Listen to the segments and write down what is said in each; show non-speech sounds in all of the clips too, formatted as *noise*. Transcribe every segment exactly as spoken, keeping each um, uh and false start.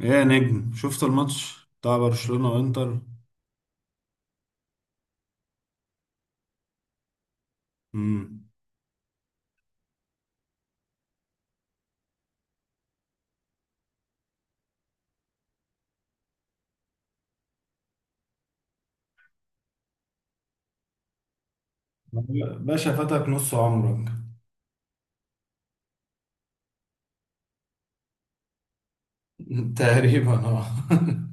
ايه يا نجم، شفت الماتش بتاع برشلونة وانتر؟ امم. باشا، فاتك نص عمرك. *laughs* تقريبا، اه. *laughs*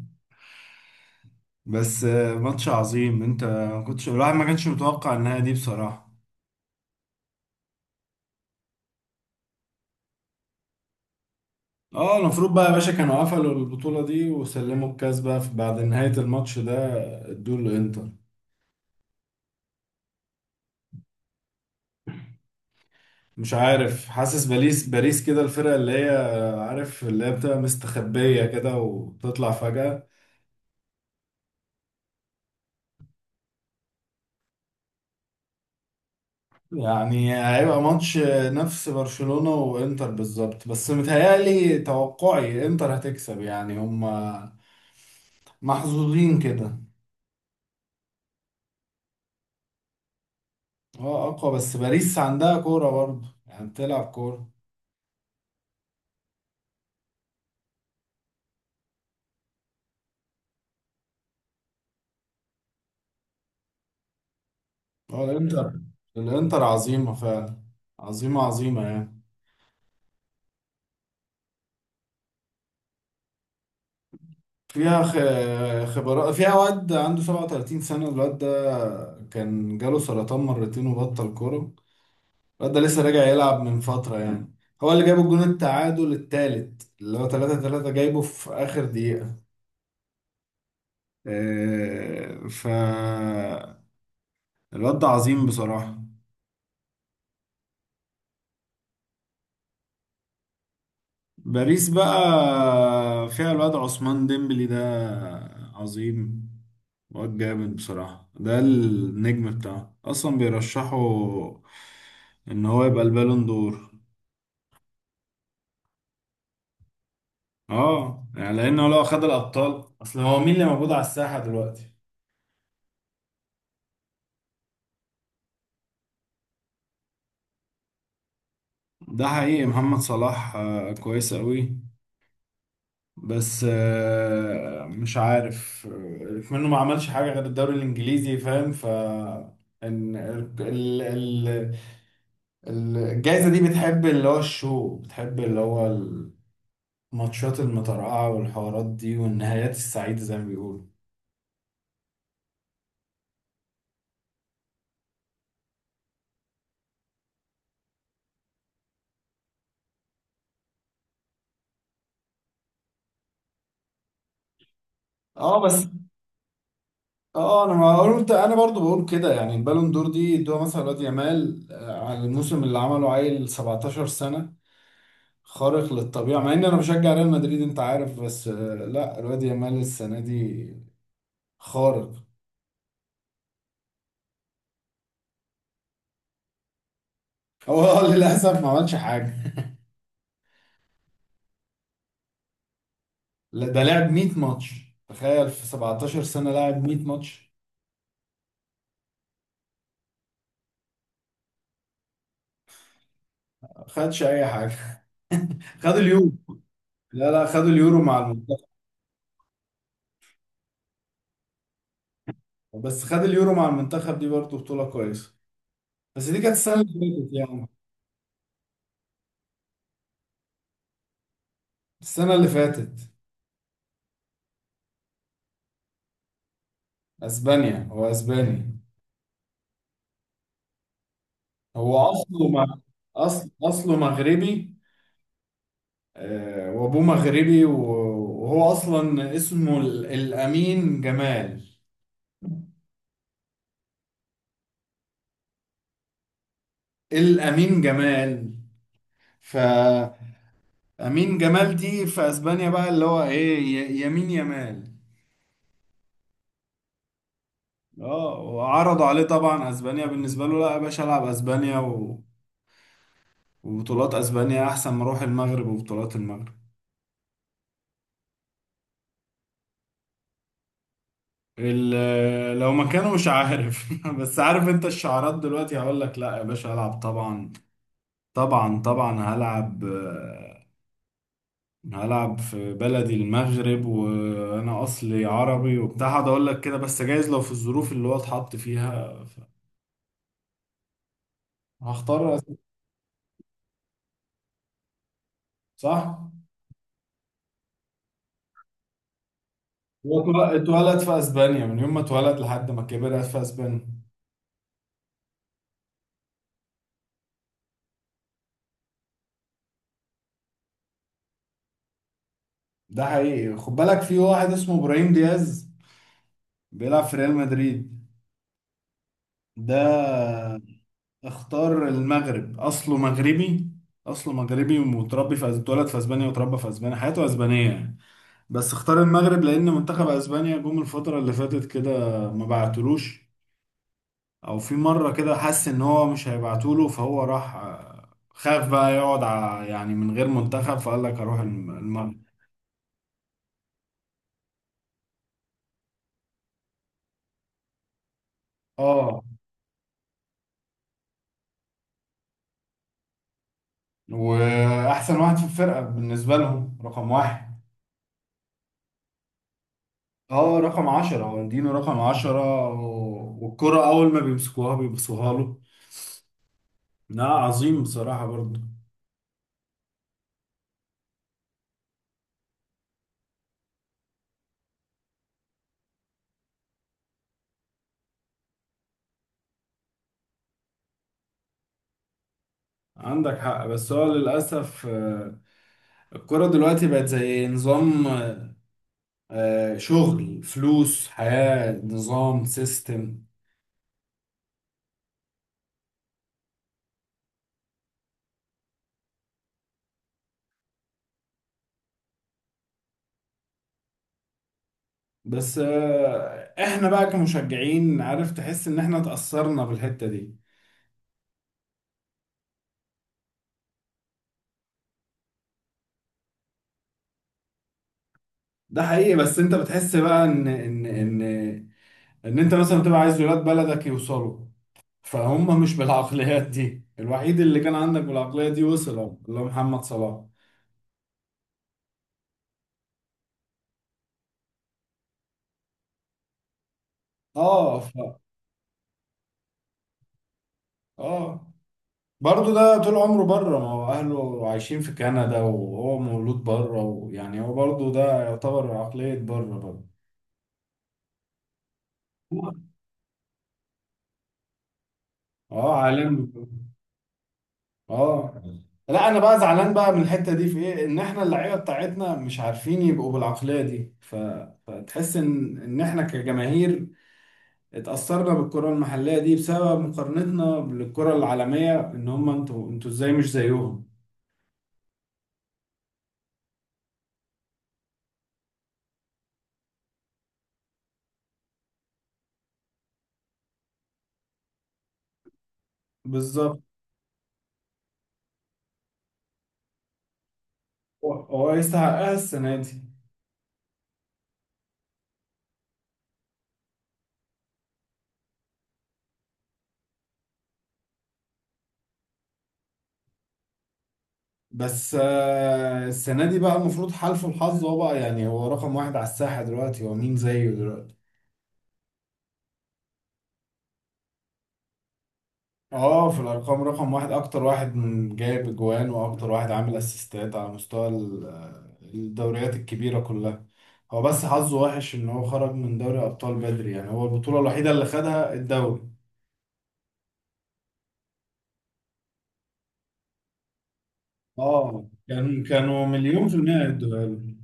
بس، آه، ماتش عظيم. انت ما كنتش الواحد ما كانش متوقع النهاية دي بصراحة. اه، المفروض بقى يا باشا كانوا قفلوا البطولة دي وسلموا الكاس بقى في- بعد نهاية الماتش ده، ادوه لانتر. مش عارف، حاسس باريس، باريس كده الفرقة اللي هي... عارف اللي هي بتبقى مستخبية كده وتطلع فجأة. يعني هيبقى ماتش نفس برشلونة وانتر بالظبط، بس متهيألي توقعي انتر هتكسب، يعني هم محظوظين كده. اه، اقوى، بس باريس عندها كورة برضه، يعني بتلعب كورة. اه، الانتر الانتر عظيمة فعلا. عظيمة عظيمة يعني. فيها خ- خبرات، فيها واد عنده سبعة وتلاتين سنة. الواد ده كان جاله سرطان مرتين، وبطل كورة. الواد ده لسه راجع يلعب من فترة يعني. هو اللي جاب الجون التعادل التالت، اللي هو تلاتة تلاتة، جايبه في آخر دقيقة. آه، ف الواد ده عظيم بصراحة. باريس بقى فيها الواد عثمان ديمبلي ده. عظيم. واد جامد بصراحة، ده النجم بتاعه أصلا، بيرشحوا إن هو يبقى البالون دور. اه يعني، لأنه لو خد الأبطال، أصل هو مين اللي موجود على الساحة دلوقتي؟ ده حقيقي، محمد صلاح آه، كويس قوي، بس آه، مش عارف، آه، منه ما عملش حاجة غير الدوري الإنجليزي، فاهم؟ ف إن ال- ال- ال- الجايزة دي بتحب اللي هو الشو، بتحب اللي هو الماتشات المترقعة والحوارات دي والنهايات السعيدة، زي ما بيقولوا. اه بس، اه انا ما قلت، انا برضو بقول كده يعني. البالون دور دي ادوها مثلا لواد يامال آه، على الموسم اللي عمله، عيل سبعتاشر سنة، خارق للطبيعة، مع ان انا بشجع ريال مدريد انت عارف، بس آه، لا، الواد يامال السنة دي خارق. هو *laughs* للاسف ما عملش حاجة. لا، ده لعب مية ماتش. تخيل، في سبعتاشر سنة لعب مية ماتش. خدش اي حاجة. *laughs* خد اليورو. لا لا، خد اليورو مع المنتخب. بس خد اليورو مع المنتخب، دي برضه بطولة كويسة، بس دي كانت السنة اللي فاتت يعني. السنة اللي فاتت. اسبانيا، هو اسباني. هو اصله مغ- اصل اصله مغربي. آه، وابوه مغربي، و- وهو اصلا اسمه ال- الامين جمال. الامين جمال، فامين جمال دي في اسبانيا بقى اللي هو ايه، ي- يمين يمال. اه، وعرضوا عليه طبعا اسبانيا. بالنسبه له، لا يا باشا، العب اسبانيا و... وبطولات اسبانيا احسن ما اروح المغرب وبطولات المغرب. ال- لو مكانه مش عارف. *laughs* بس عارف انت الشعارات دلوقتي، هقول لك لا يا باشا هلعب، طبعا طبعا طبعا هلعب، آه، هلعب في بلدي المغرب، وانا اصلي عربي وبتاع، هقعد اقول لك كده. بس جايز لو في الظروف اللي هو اتحط فيها ف- هختار أس- صح. هو اتول- اتولد في اسبانيا، من يوم ما اتولد لحد ما كبر قاعد في اسبانيا. ده حقيقي، خد بالك في واحد اسمه ابراهيم دياز، بيلعب في ريال مدريد. ده اختار المغرب. اصله مغربي، اصله مغربي ومتربي في أس- اتولد في اسبانيا وتربى في اسبانيا، حياته اسبانية يعني. بس اختار المغرب، لان منتخب اسبانيا جم الفتره اللي فاتت كده ما بعتلوش، او في مره كده حس ان هو مش هيبعتوله، فهو راح آه، خاف بقى يقعد ع- يعني من غير منتخب، فقال لك اروح الم- المغرب. اه، واحسن واحد في الفرقه بالنسبه لهم، رقم واحد. اه، رقم عشرة والدينو، رقم عشرة، و- والكرة أول ما بيمسكوها بيبصوها له. لا، عظيم بصراحة برضه. عندك حق، بس هو للأسف آه، الكرة دلوقتي بقت زي نظام، آه، شغل فلوس، حياة، نظام، سيستم. بس آه، احنا بقى كمشجعين، عارف، تحس ان احنا اتأثرنا بالحتة دي. ده حقيقي، بس انت بتحس بقى ان ان ان ان انت مثلا بتبقى عايز ولاد بلدك يوصلوا. فهم مش بالعقليات دي. الوحيد اللي كان عندك بالعقلية دي وصل أهو، اللي هو محمد صلاح. اه. ف اه، برضه ده طول عمره بره، ما هو اهله عايشين في كندا، وهو مولود بره، ويعني هو برضه ده يعتبر عقلية بره برضه. اه، عالم. اه، لا، انا بقى زعلان بقى من الحتة دي في ايه، ان احنا اللعيبة بتاعتنا مش عارفين يبقوا بالعقلية دي، ف... فتحس ان ان احنا كجماهير اتأثرنا بالكرة المحلية دي بسبب مقارنتنا بالكرة العالمية، ان هم انتوا انتوا ازاي مش زيهم. بالظبط. هو هو يستحقها السنة دي. بس آه، السنة دي بقى المفروض حالفه الحظ هو بقى، يعني هو رقم واحد على الساحة دلوقتي، هو مين زيه دلوقتي؟ اه، في الأرقام رقم واحد، أكتر واحد من جايب أجوان وأكتر واحد عامل أسيستات على مستوى ال- آه، الدوريات الكبيرة كلها. هو بس حظه وحش إن هو خرج من دوري أبطال بدري، يعني هو البطولة الوحيدة اللي خدها الدوري. اه، كان كانوا مليون في المية هيدوها له.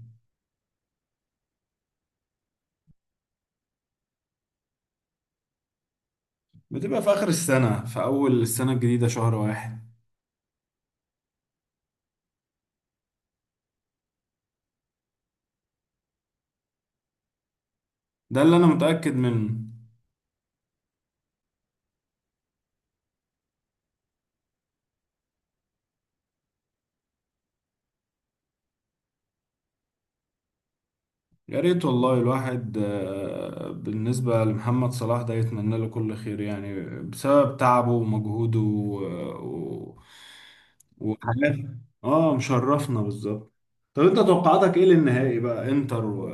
بتبقى في آخر السنة، في أول السنة الجديدة، شهر واحد. ده اللي أنا متأكد منه. يا ريت والله، الواحد آه، بالنسبة لمحمد صلاح ده يتمنى له كل خير يعني، بسبب تعبه ومجهوده و... و... وحاجات. اه، مشرفنا بالظبط. طب، انت توقعاتك ايه للنهائي بقى، انتر و...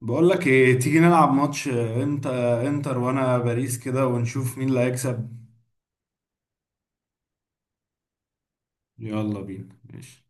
بقول لك ايه، تيجي نلعب ماتش، انت انتر وانا باريس كده، ونشوف مين اللي هيكسب. يلا بينا ماشي.